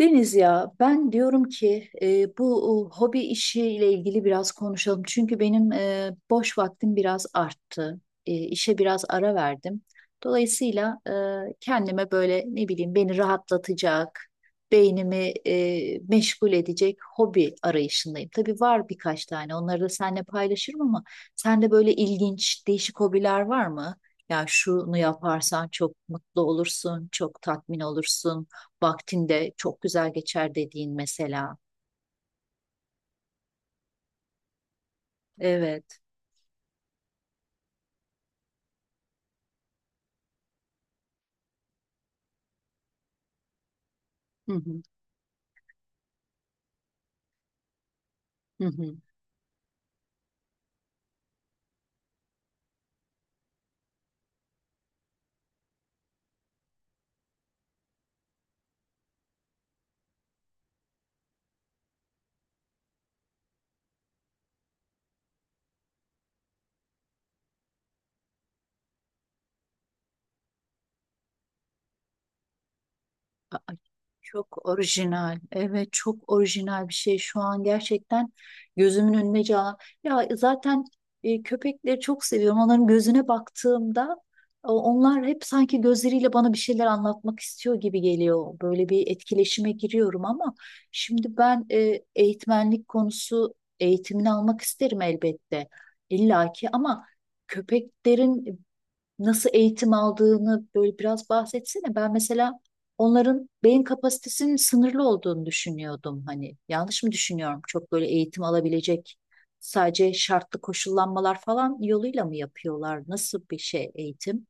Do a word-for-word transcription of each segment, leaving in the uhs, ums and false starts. Deniz ya, ben diyorum ki e, bu e, hobi işiyle ilgili biraz konuşalım. Çünkü benim e, boş vaktim biraz arttı. E, işe biraz ara verdim. Dolayısıyla e, kendime böyle ne bileyim beni rahatlatacak, beynimi e, meşgul edecek hobi arayışındayım. Tabii var birkaç tane, onları da seninle paylaşırım ama sende böyle ilginç değişik hobiler var mı? Ya şunu yaparsan çok mutlu olursun, çok tatmin olursun, vaktinde çok güzel geçer dediğin mesela. Evet. Hı hı. Hı hı. Aa, çok orijinal. Evet, çok orijinal bir şey. Şu an gerçekten gözümün önüne can. Ya zaten e, köpekleri çok seviyorum. Onların gözüne baktığımda e, onlar hep sanki gözleriyle bana bir şeyler anlatmak istiyor gibi geliyor. Böyle bir etkileşime giriyorum ama şimdi ben e, eğitmenlik konusu, eğitimini almak isterim elbette. İllaki ama köpeklerin nasıl eğitim aldığını böyle biraz bahsetsene. Ben mesela onların beyin kapasitesinin sınırlı olduğunu düşünüyordum. Hani yanlış mı düşünüyorum? Çok böyle eğitim alabilecek, sadece şartlı koşullanmalar falan yoluyla mı yapıyorlar? Nasıl bir şey eğitim?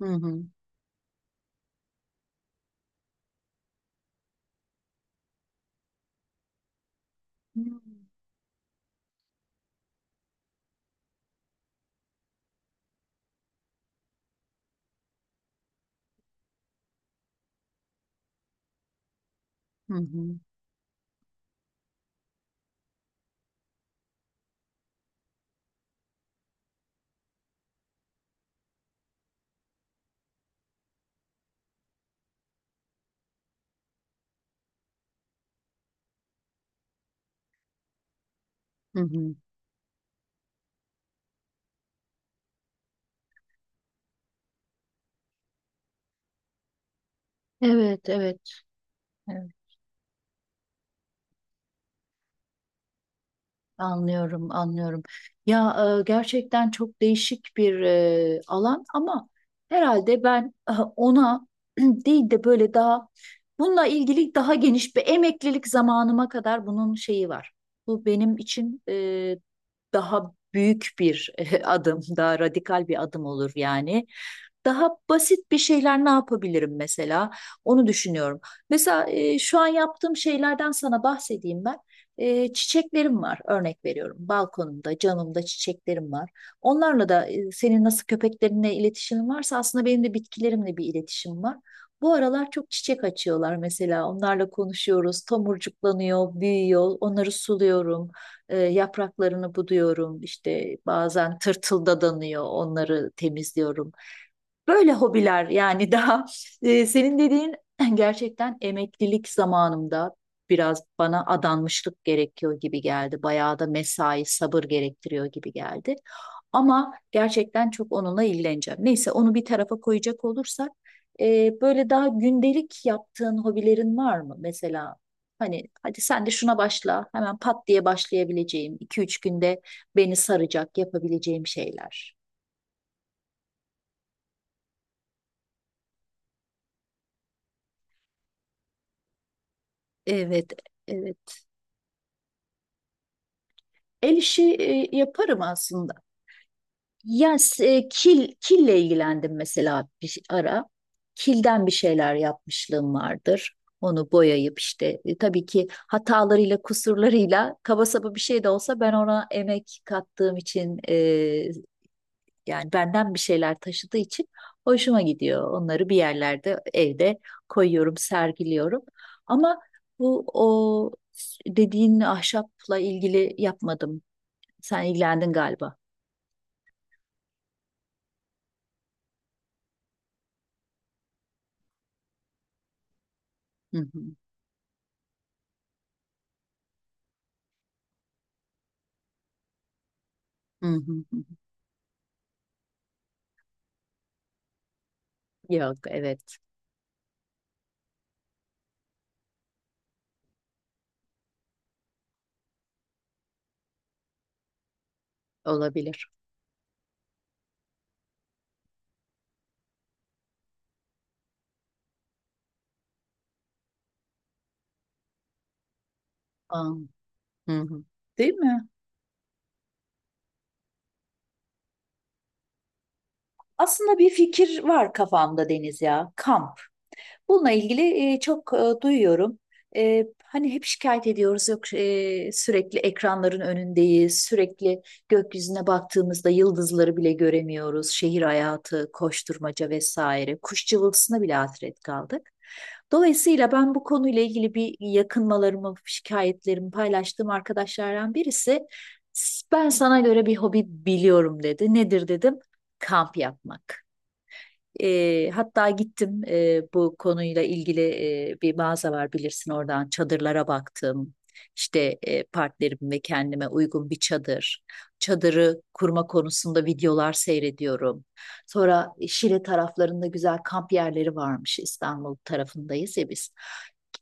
Hı hı. Hmm. Hı hı, hı hı. Evet, evet, evet. Anlıyorum, anlıyorum. Ya e, gerçekten çok değişik bir e, alan ama herhalde ben e, ona değil de böyle daha bununla ilgili daha geniş bir, emeklilik zamanıma kadar bunun şeyi var. Bu benim için e, daha büyük bir adım, daha radikal bir adım olur yani. Daha basit bir şeyler ne yapabilirim mesela? Onu düşünüyorum. Mesela e, şu an yaptığım şeylerden sana bahsedeyim ben. E, çiçeklerim var, örnek veriyorum. Balkonumda, camımda çiçeklerim var. Onlarla da e, senin nasıl köpeklerinle iletişimin varsa aslında benim de bitkilerimle bir iletişim var. Bu aralar çok çiçek açıyorlar mesela. Onlarla konuşuyoruz, tomurcuklanıyor, büyüyor. Onları suluyorum, e, yapraklarını buduyorum. İşte bazen tırtıldadanıyor, onları temizliyorum. Böyle hobiler yani. Daha e, senin dediğin gerçekten emeklilik zamanımda biraz bana adanmışlık gerekiyor gibi geldi. Bayağı da mesai, sabır gerektiriyor gibi geldi. Ama gerçekten çok onunla ilgileneceğim. Neyse, onu bir tarafa koyacak olursak e, böyle daha gündelik yaptığın hobilerin var mı? Mesela hani hadi sen de şuna başla, hemen pat diye başlayabileceğim, iki üç günde beni saracak yapabileceğim şeyler. Evet, evet. El işi e, yaparım aslında. Yani e, kil, kille ilgilendim mesela bir ara. Kilden bir şeyler yapmışlığım vardır. Onu boyayıp işte e, tabii ki hatalarıyla, kusurlarıyla kaba saba bir şey de olsa ben ona emek kattığım için, e, yani benden bir şeyler taşıdığı için hoşuma gidiyor. Onları bir yerlerde, evde koyuyorum, sergiliyorum. Ama bu, o dediğin ahşapla ilgili yapmadım. Sen ilgilendin galiba. Hı hı. Hı hı. Hı hı. Yok, evet. Olabilir. Aa, hı hı. Değil mi? Aslında bir fikir var kafamda Deniz ya. Kamp. Bununla ilgili e, çok e, duyuyorum. E, hani hep şikayet ediyoruz, yok e, sürekli ekranların önündeyiz, sürekli gökyüzüne baktığımızda yıldızları bile göremiyoruz, şehir hayatı, koşturmaca vesaire, kuş cıvıltısına bile hasret kaldık. Dolayısıyla ben bu konuyla ilgili bir, yakınmalarımı, şikayetlerimi paylaştığım arkadaşlardan birisi, ben sana göre bir hobi biliyorum dedi. Nedir dedim? Kamp yapmak. E, hatta gittim, e, bu konuyla ilgili e, bir mağaza var bilirsin, oradan çadırlara baktım. İşte e, partnerim ve kendime uygun bir çadır. Çadırı kurma konusunda videolar seyrediyorum. Sonra Şile taraflarında güzel kamp yerleri varmış. İstanbul tarafındayız ya biz.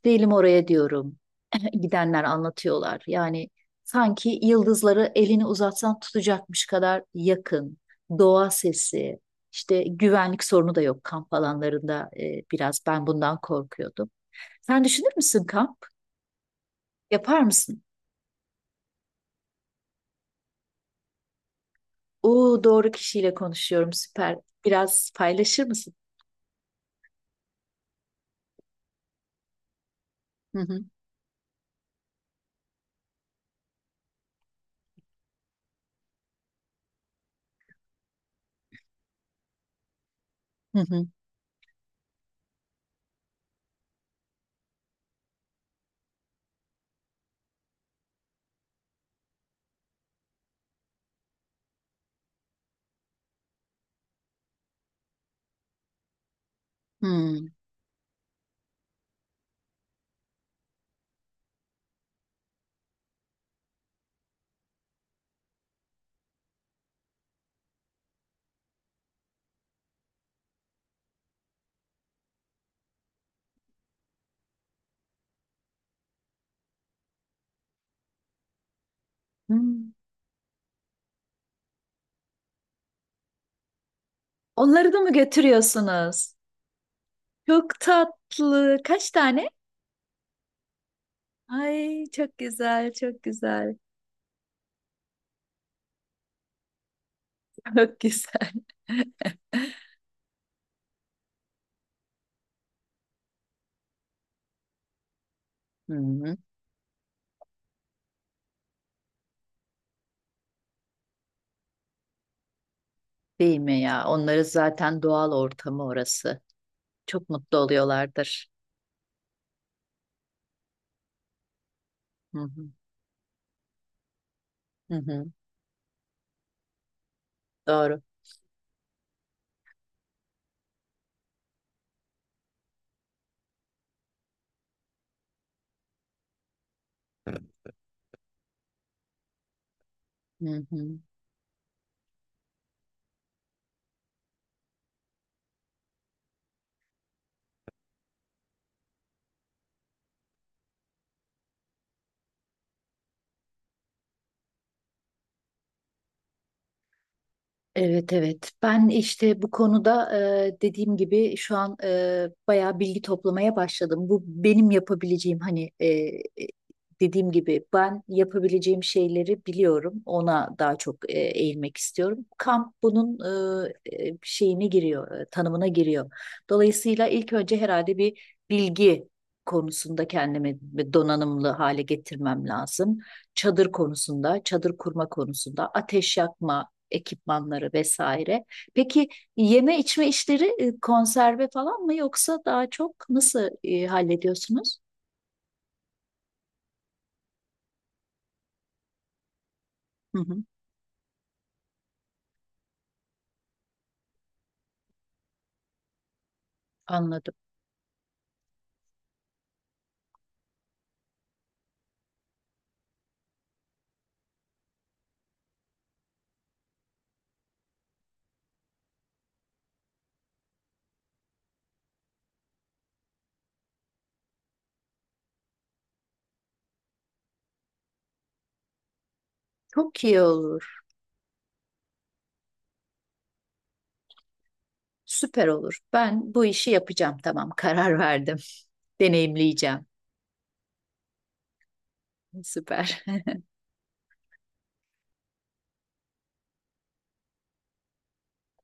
Gidelim oraya diyorum. Gidenler anlatıyorlar. Yani sanki yıldızları elini uzatsan tutacakmış kadar yakın. Doğa sesi, işte güvenlik sorunu da yok kamp alanlarında, e, biraz ben bundan korkuyordum. Sen düşünür müsün kamp? Yapar mısın? Oo, doğru kişiyle konuşuyorum, süper. Biraz paylaşır mısın? Hı hı, hı hı. Hmm, hmm. Onları da mı götürüyorsunuz? Çok tatlı. Kaç tane? Ay çok güzel, çok güzel. Çok güzel. Hı hı. Değil mi ya? Onları zaten doğal ortamı orası. Çok mutlu oluyorlardır. Hı hı. Hı hı. Doğru. Hı hı. Evet, evet, ben işte bu konuda e, dediğim gibi şu an e, bayağı bilgi toplamaya başladım. Bu benim yapabileceğim, hani e, e, dediğim gibi ben yapabileceğim şeyleri biliyorum. Ona daha çok e, eğilmek istiyorum. Kamp bunun e, e, şeyine giriyor, e, tanımına giriyor. Dolayısıyla ilk önce herhalde bir bilgi konusunda kendimi donanımlı hale getirmem lazım: çadır konusunda, çadır kurma konusunda, ateş yakma, ekipmanları vesaire. Peki yeme içme işleri e, konserve falan mı, yoksa daha çok nasıl e, hallediyorsunuz? Hı hı, anladım. Çok iyi olur. Süper olur. Ben bu işi yapacağım. Tamam, karar verdim. Deneyimleyeceğim. Süper.